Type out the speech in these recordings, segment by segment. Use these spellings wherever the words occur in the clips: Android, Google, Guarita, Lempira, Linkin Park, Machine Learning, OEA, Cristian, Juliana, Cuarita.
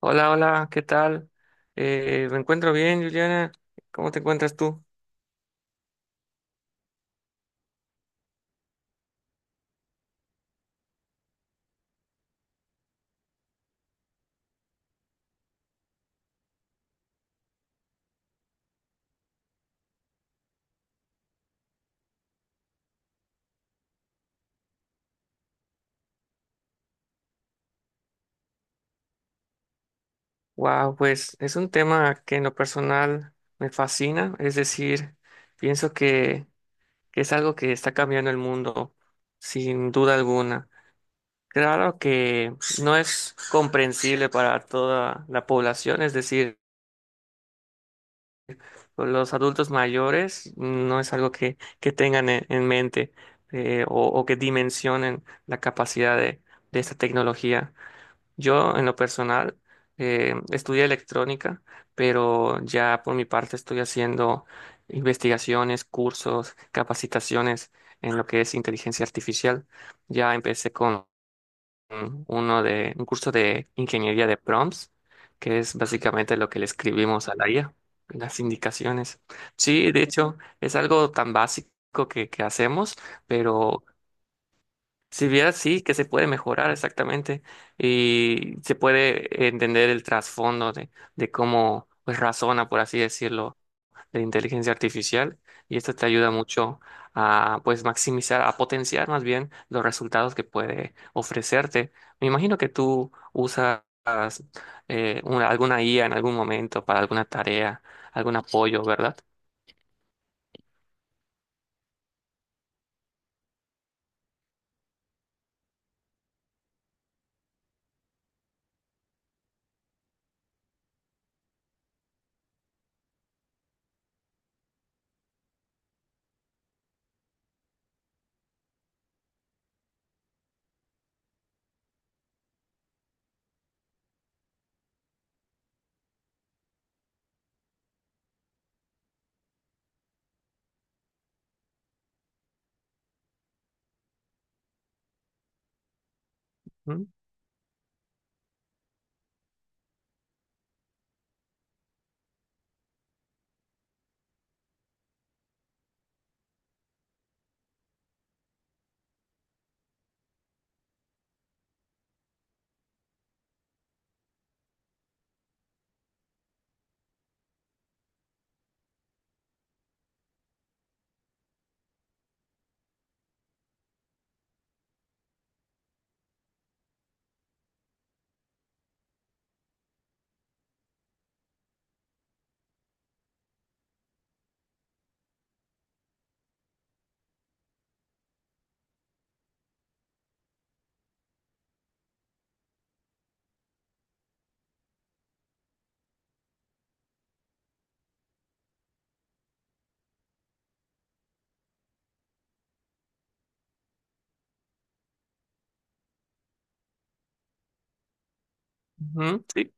Hola, hola, ¿qué tal? Me encuentro bien, Juliana. ¿Cómo te encuentras tú? Wow, pues es un tema que en lo personal me fascina, es decir, pienso que es algo que está cambiando el mundo, sin duda alguna. Claro que no es comprensible para toda la población, es decir, los adultos mayores no es algo que tengan en mente o que dimensionen la capacidad de esta tecnología. Yo, en lo personal, estudié electrónica, pero ya por mi parte estoy haciendo investigaciones, cursos, capacitaciones en lo que es inteligencia artificial. Ya empecé con un curso de ingeniería de prompts, que es básicamente lo que le escribimos a la IA, las indicaciones. Sí, de hecho, es algo tan básico que hacemos, pero si vieras, sí, que se puede mejorar exactamente y se puede entender el trasfondo de cómo pues, razona, por así decirlo, la inteligencia artificial, y esto te ayuda mucho a pues maximizar, a potenciar más bien los resultados que puede ofrecerte. Me imagino que tú usas alguna IA en algún momento para alguna tarea, algún apoyo, ¿verdad? Mm, ujú, sí.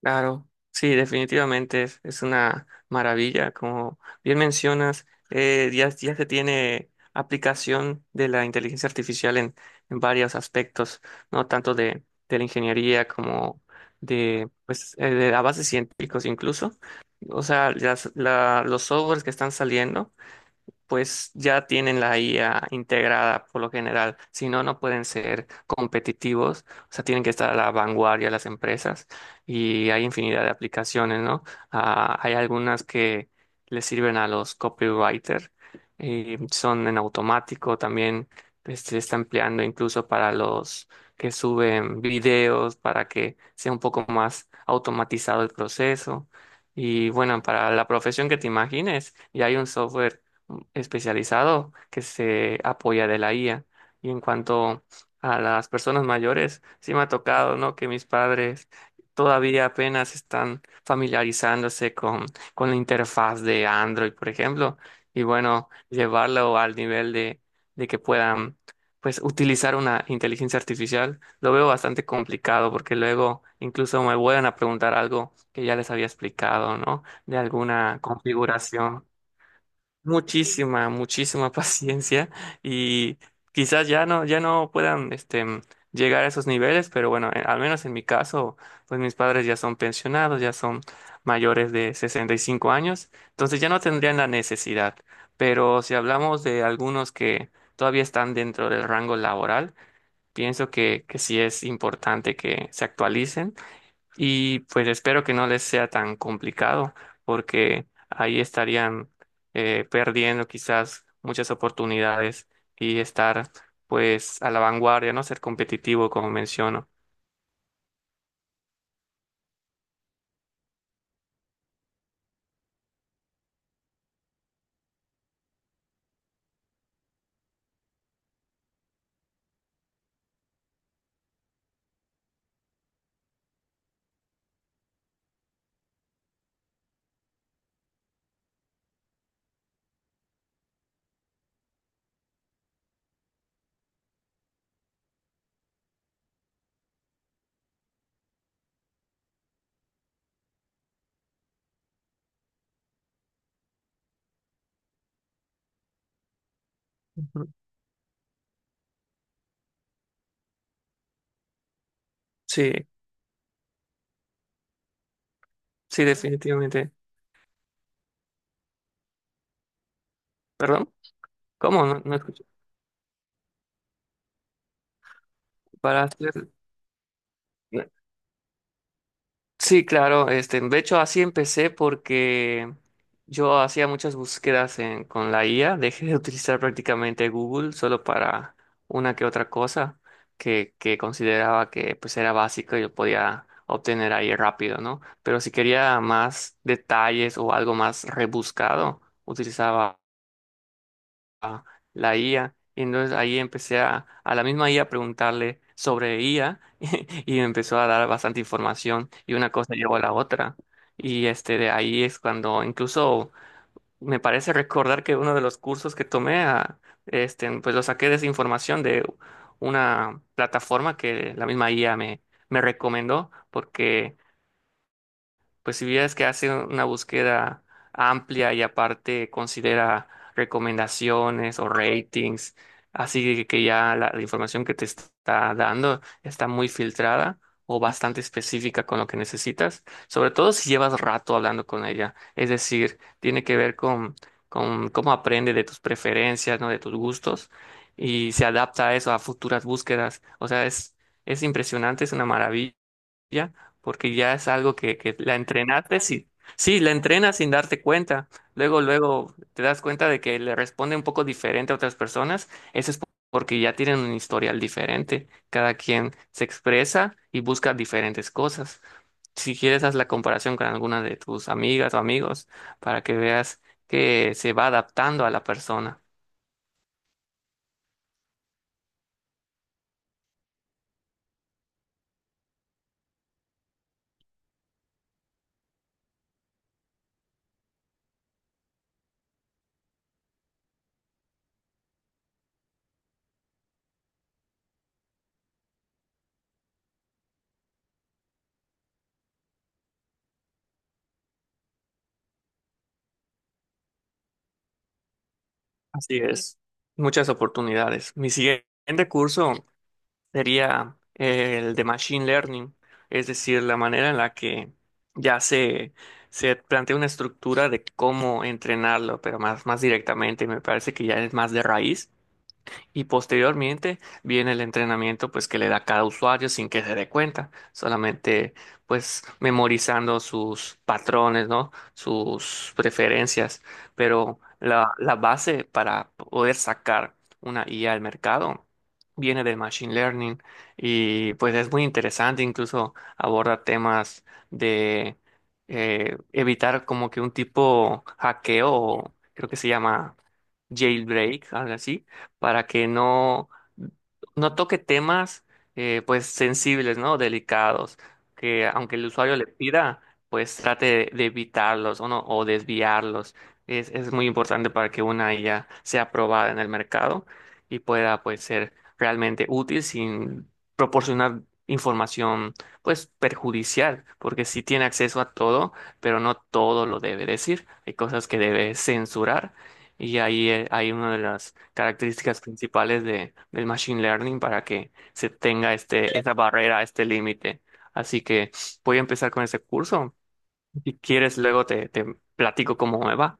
Claro, sí, definitivamente es una maravilla. Como bien mencionas, ya se tiene aplicación de la inteligencia artificial en varios aspectos, no tanto de la ingeniería como de, pues, de avances científicos incluso. O sea, los softwares que están saliendo pues ya tienen la IA integrada por lo general. Si no, no pueden ser competitivos. O sea, tienen que estar a la vanguardia las empresas, y hay infinidad de aplicaciones, ¿no? Ah, hay algunas que les sirven a los copywriters, son en automático, también pues, se está empleando incluso para los que suben videos, para que sea un poco más automatizado el proceso. Y bueno, para la profesión que te imagines, y hay un software especializado que se apoya de la IA. Y en cuanto a las personas mayores, sí me ha tocado, ¿no? Que mis padres todavía apenas están familiarizándose con la interfaz de Android, por ejemplo. Y bueno, llevarlo al nivel de que puedan, pues, utilizar una inteligencia artificial, lo veo bastante complicado porque luego incluso me vuelven a preguntar algo que ya les había explicado, ¿no? De alguna configuración muchísima, muchísima paciencia. Y quizás ya no puedan, este, llegar a esos niveles, pero bueno, al menos en mi caso, pues mis padres ya son pensionados, ya son mayores de 65 años, entonces ya no tendrían la necesidad. Pero si hablamos de algunos que todavía están dentro del rango laboral, pienso que sí es importante que se actualicen y pues espero que no les sea tan complicado, porque ahí estarían perdiendo quizás muchas oportunidades y estar pues a la vanguardia, ¿no? Ser competitivo, como menciono. Ujú. Sí, sí, definitivamente. Perdón, ¿cómo? No, no escuché. Para hacer- Sí, claro, este, de hecho así empecé porque yo hacía muchas búsquedas con la IA, dejé de utilizar prácticamente Google solo para una que otra cosa que consideraba que pues era básico y yo podía obtener ahí rápido, ¿no? Pero si quería más detalles o algo más rebuscado, utilizaba ah, la IA, y entonces ahí empecé a la misma IA a preguntarle sobre IA, y me empezó a dar bastante información y una cosa llevó a la otra. Y este, de ahí es cuando incluso me parece recordar que uno de los cursos que tomé, este, pues lo saqué de esa información de una plataforma que la misma IA me recomendó porque pues si vieras que hace una búsqueda amplia y aparte considera recomendaciones o ratings, así que ya la información que te está dando está muy filtrada o bastante específica con lo que necesitas, sobre todo si llevas rato hablando con ella. Es decir, tiene que ver con cómo aprende de tus preferencias, ¿no? De tus gustos, y se adapta a eso, a futuras búsquedas. O sea, es impresionante, es una maravilla, ¿ya? Porque ya es algo que la entrenaste, sí, sí, la entrenas sin darte cuenta. Luego, luego te das cuenta de que le responde un poco diferente a otras personas. Eso es porque ya tienen un historial diferente. Cada quien se expresa y busca diferentes cosas. Si quieres, haz la comparación con alguna de tus amigas o amigos para que veas que se va adaptando a la persona. Así es. Muchas oportunidades. Mi siguiente curso sería el de Machine Learning, es decir, la manera en la que ya se, se plantea una estructura de cómo entrenarlo, pero más directamente, me parece que ya es más de raíz. Y posteriormente viene el entrenamiento pues que le da cada usuario sin que se dé cuenta, solamente pues memorizando sus patrones, ¿no? Sus preferencias, pero la base para poder sacar una IA al mercado viene del machine learning, y pues es muy interesante, incluso aborda temas de evitar como que un tipo hackeo, o creo que se llama jailbreak, algo así, para que no toque temas pues sensibles, ¿no? Delicados, que aunque el usuario le pida, pues trate de evitarlos o no, o desviarlos. Es muy importante para que una IA sea aprobada en el mercado y pueda pues ser realmente útil sin proporcionar información pues perjudicial, porque si tiene acceso a todo, pero no todo lo debe decir. Hay cosas que debe censurar, y ahí hay una de las características principales del machine learning para que se tenga este, esa barrera, este límite. Así que voy a empezar con ese curso. Si quieres, luego te platico cómo me va.